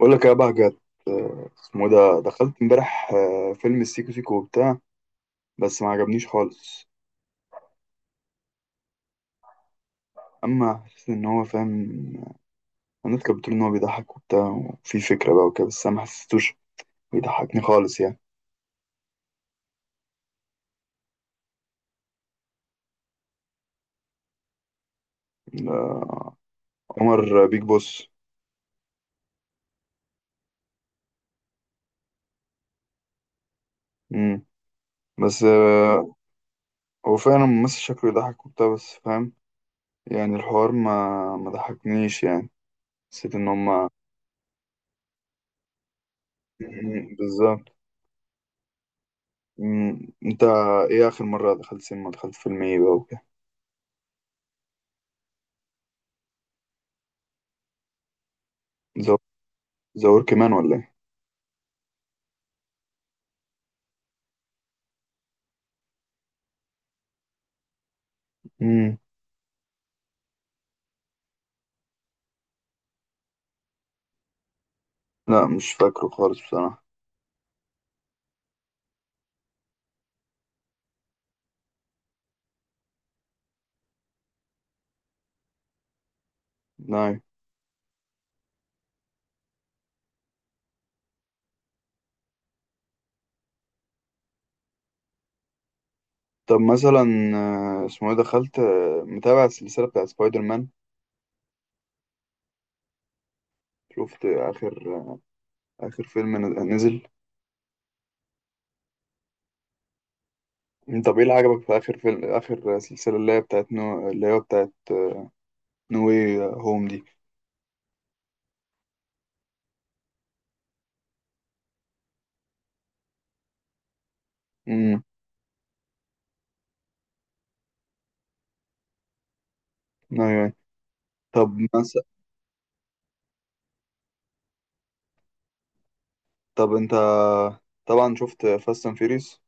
بقول لك يا بهجت، اسمه إيه ده؟ دخلت امبارح فيلم السيكو سيكو وبتاع، بس ما عجبنيش خالص. اما حسيت ان هو فاهم. الناس كانت بتقول ان هو بيضحك وبتاع وفي فكره بقى وكده، بس انا ما حسيتوش، بيضحكني خالص يعني. آه، عمر بيج بوس. مم. بس هو فعلا ممثل شكله يضحك وبتاع، بس فاهم يعني الحوار ما ضحكنيش يعني. حسيت ان هما. مم، بالظبط. مم. انت ايه اخر مره دخلت سينما؟ دخلت فيلم ايه بقى وكده؟ ذا ورك مان ولا إيه؟ مم. لا مش فاكره خالص بصراحة. نعم. طب مثلا اسمه ايه؟ دخلت متابع السلسلة بتاعت سبايدر مان. شفت آخر فيلم نزل؟ طب ايه اللي عجبك في آخر فيلم؟ آخر سلسلة اللي هي بتاعت نو واي هوم دي. امم، ايوه. طب مثلا طب انت طبعا شفت فاست اند فيريس.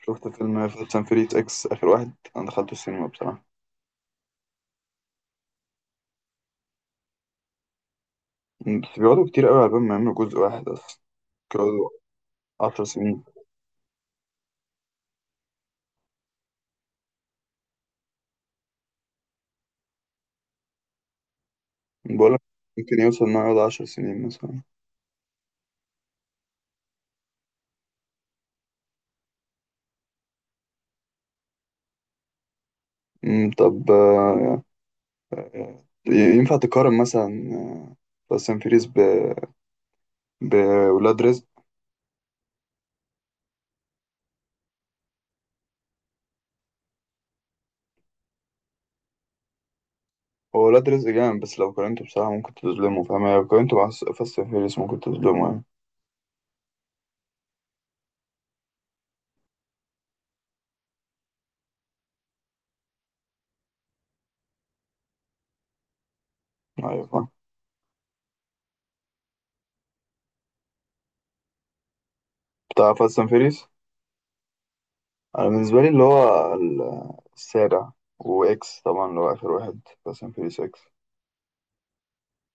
شفت فيلم فاست اند فيريس اكس؟ آخر واحد انا دخلته السينما بصراحة. بس بيقعدوا كتير قوي على بال ما يعملوا جزء واحد اصلا، بيقعدوا 10 سنين. بقولك، ممكن يوصل إنه يقعد 10 سنين مثلا. أمم، طب ينفع تقارن مثلا فاست أند فيريس بولاد رزق؟ هو ولاد رزق جامد، بس لو قارنته بصراحة ممكن تظلمه، فاهم يعني لو قارنته مع فاست أند فيريس ممكن تظلمه يعني. أيوة فاهم. بتاع فاست أند فيريس. أنا بالنسبة لي اللي هو السابع، وإكس طبعا اللي هو آخر واحد، فاست أند فيريس إكس،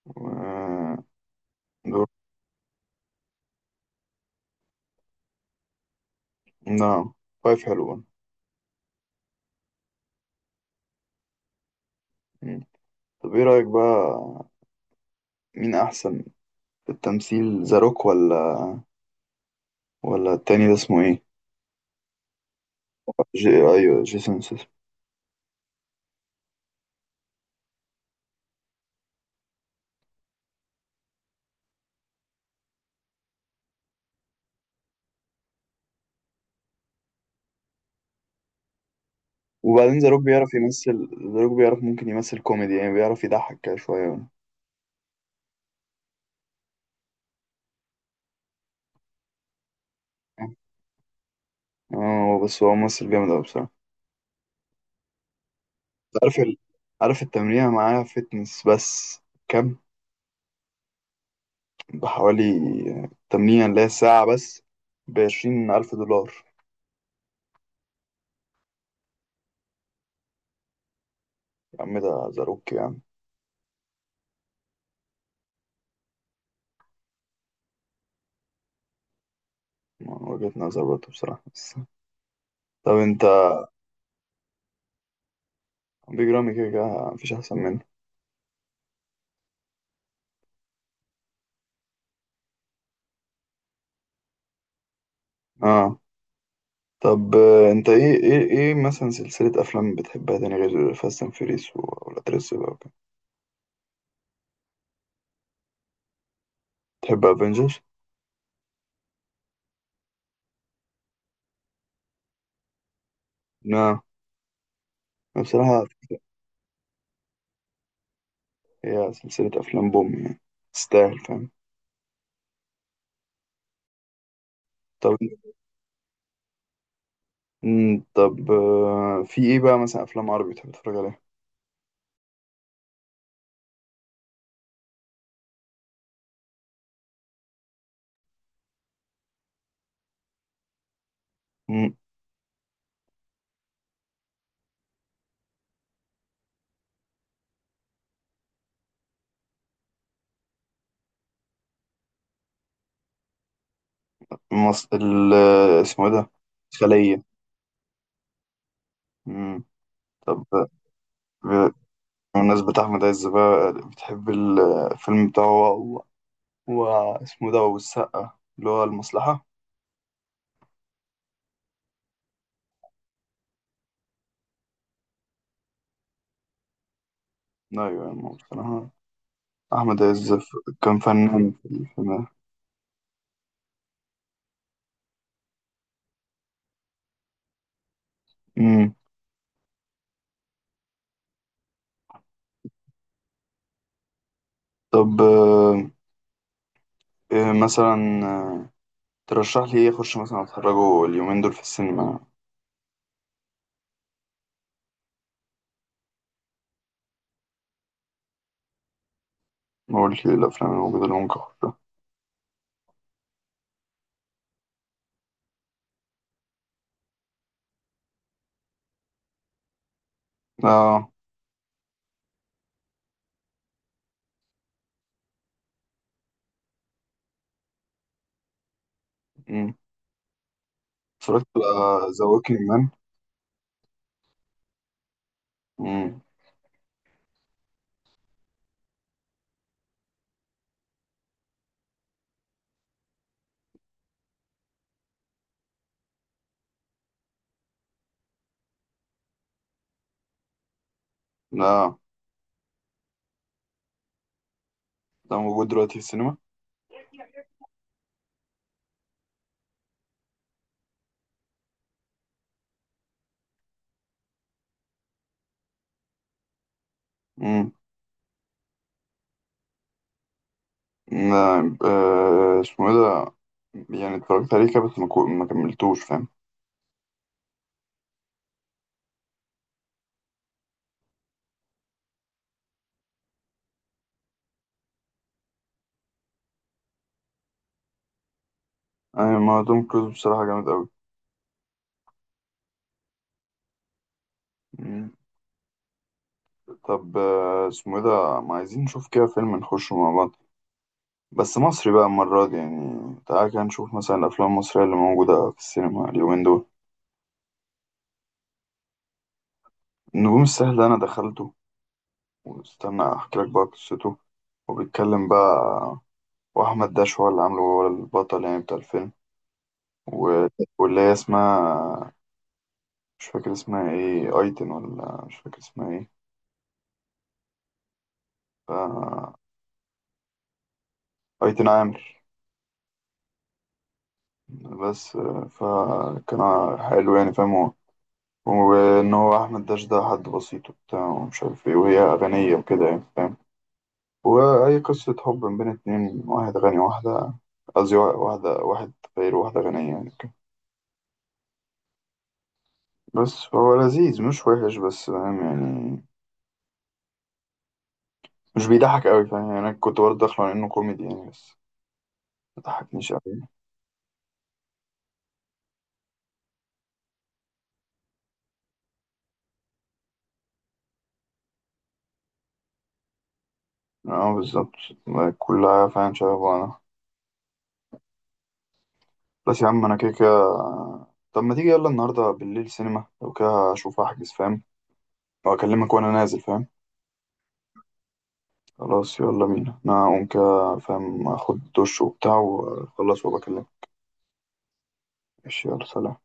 و- دول. نعم. 5 حلو برضه. مم. طب إيه رأيك بقى؟ مين أحسن في التمثيل؟ ذا روك ولا التاني ده اسمه ايه؟ ايوه، جيسون سيسم. وبعدين ذا روك بيعرف يمثل. ذا روك بيعرف ممكن يمثل كوميدي يعني، بيعرف يضحك كده شوية. اه، بس هو ممثل جامد أوي بصراحة. عارف عارف التمرين معاه فتنس بس كام؟ بحوالي التمرين اللي هي ساعة بس بـ20 ألف دولار. يا عم ده ذا روك يعني. من وجهة نظر برضه بصراحة بس. طب انت، بيج رامي كده كده مفيش أحسن منه. اه. طب انت ايه مثلا سلسلة افلام بتحبها تاني غير فاست اند فيريس والاترس بقى وكده؟ تحب افنجرز؟ نعم، بصراحة هي سلسلة افلام بوم يعني، تستاهل فاهم. طب طب في ايه بقى مثلا افلام عربي بتحب تتفرج عليها؟ مم. اسمه ايه ده؟ خلية. مم. طب ب- بمناسبة أحمد عز بقى، بتحب الفيلم بتاعه و... اسمه ده والسقا اللي هو المصلحة؟ أيوة يعني، بصراحة أحمد عز كان فنان في الفيلم. أمم. طب إيه مثلا ترشح لي إيه أخش مثلا أتفرجه اليومين دول في السينما؟ ما قلت لي الأفلام الموجودة اللي ممكن أخشها. آه. أمم. اتفرجت على ذا ووكينج مان. لا. ده موجود دلوقتي في السينما؟ أمم. لا، اسمه إيه ده؟ يعني اتفرجت عليه كده بس ما كملتوش فاهم. يعني ما توم كروز بصراحة جامد أوي. مم. طب اسمه ايه ده؟ ما عايزين نشوف كده فيلم نخشه مع بعض، بس مصري بقى المرة دي يعني. تعالى كده نشوف مثلا الأفلام المصرية اللي موجودة في السينما اليومين دول. النجوم السهلة أنا دخلته، واستنى أحكي لك بقى قصته. وبيتكلم بقى، وأحمد داش هو اللي عامله، هو البطل يعني بتاع الفيلم. و... واللي هي اسمها، مش فاكر اسمها ايه، أيتن ولا مش فاكر اسمها ايه. ف... أيتن عامر. بس فكان حلو يعني فاهم هو، وإن هو أحمد داش ده حد بسيط وبتاع ومش عارف ايه، وهي أغنية وكده يعني فاهم. وأي قصة حب بين اتنين، واحد غني واحدة، قصدي واحدة، واحد فقير وواحدة غنية يعني كده. بس هو لذيذ، مش وحش، بس فاهم يعني. مش بيضحك أوي فاهم يعني، أنا كنت برضه داخله على إنه كوميدي يعني، بس ما ضحكنيش أوي. اه بالظبط. كلها فاهم شبه بعضها. بس يا عم أنا كده كده. طب ما تيجي يلا النهاردة بالليل سينما؟ لو كده أشوف أحجز فاهم، وأكلمك وأنا نازل فاهم. خلاص يلا بينا، أنا هقوم كده فاهم، أخد دش وبتاع وأخلص وبكلمك. ماشي يلا سلام.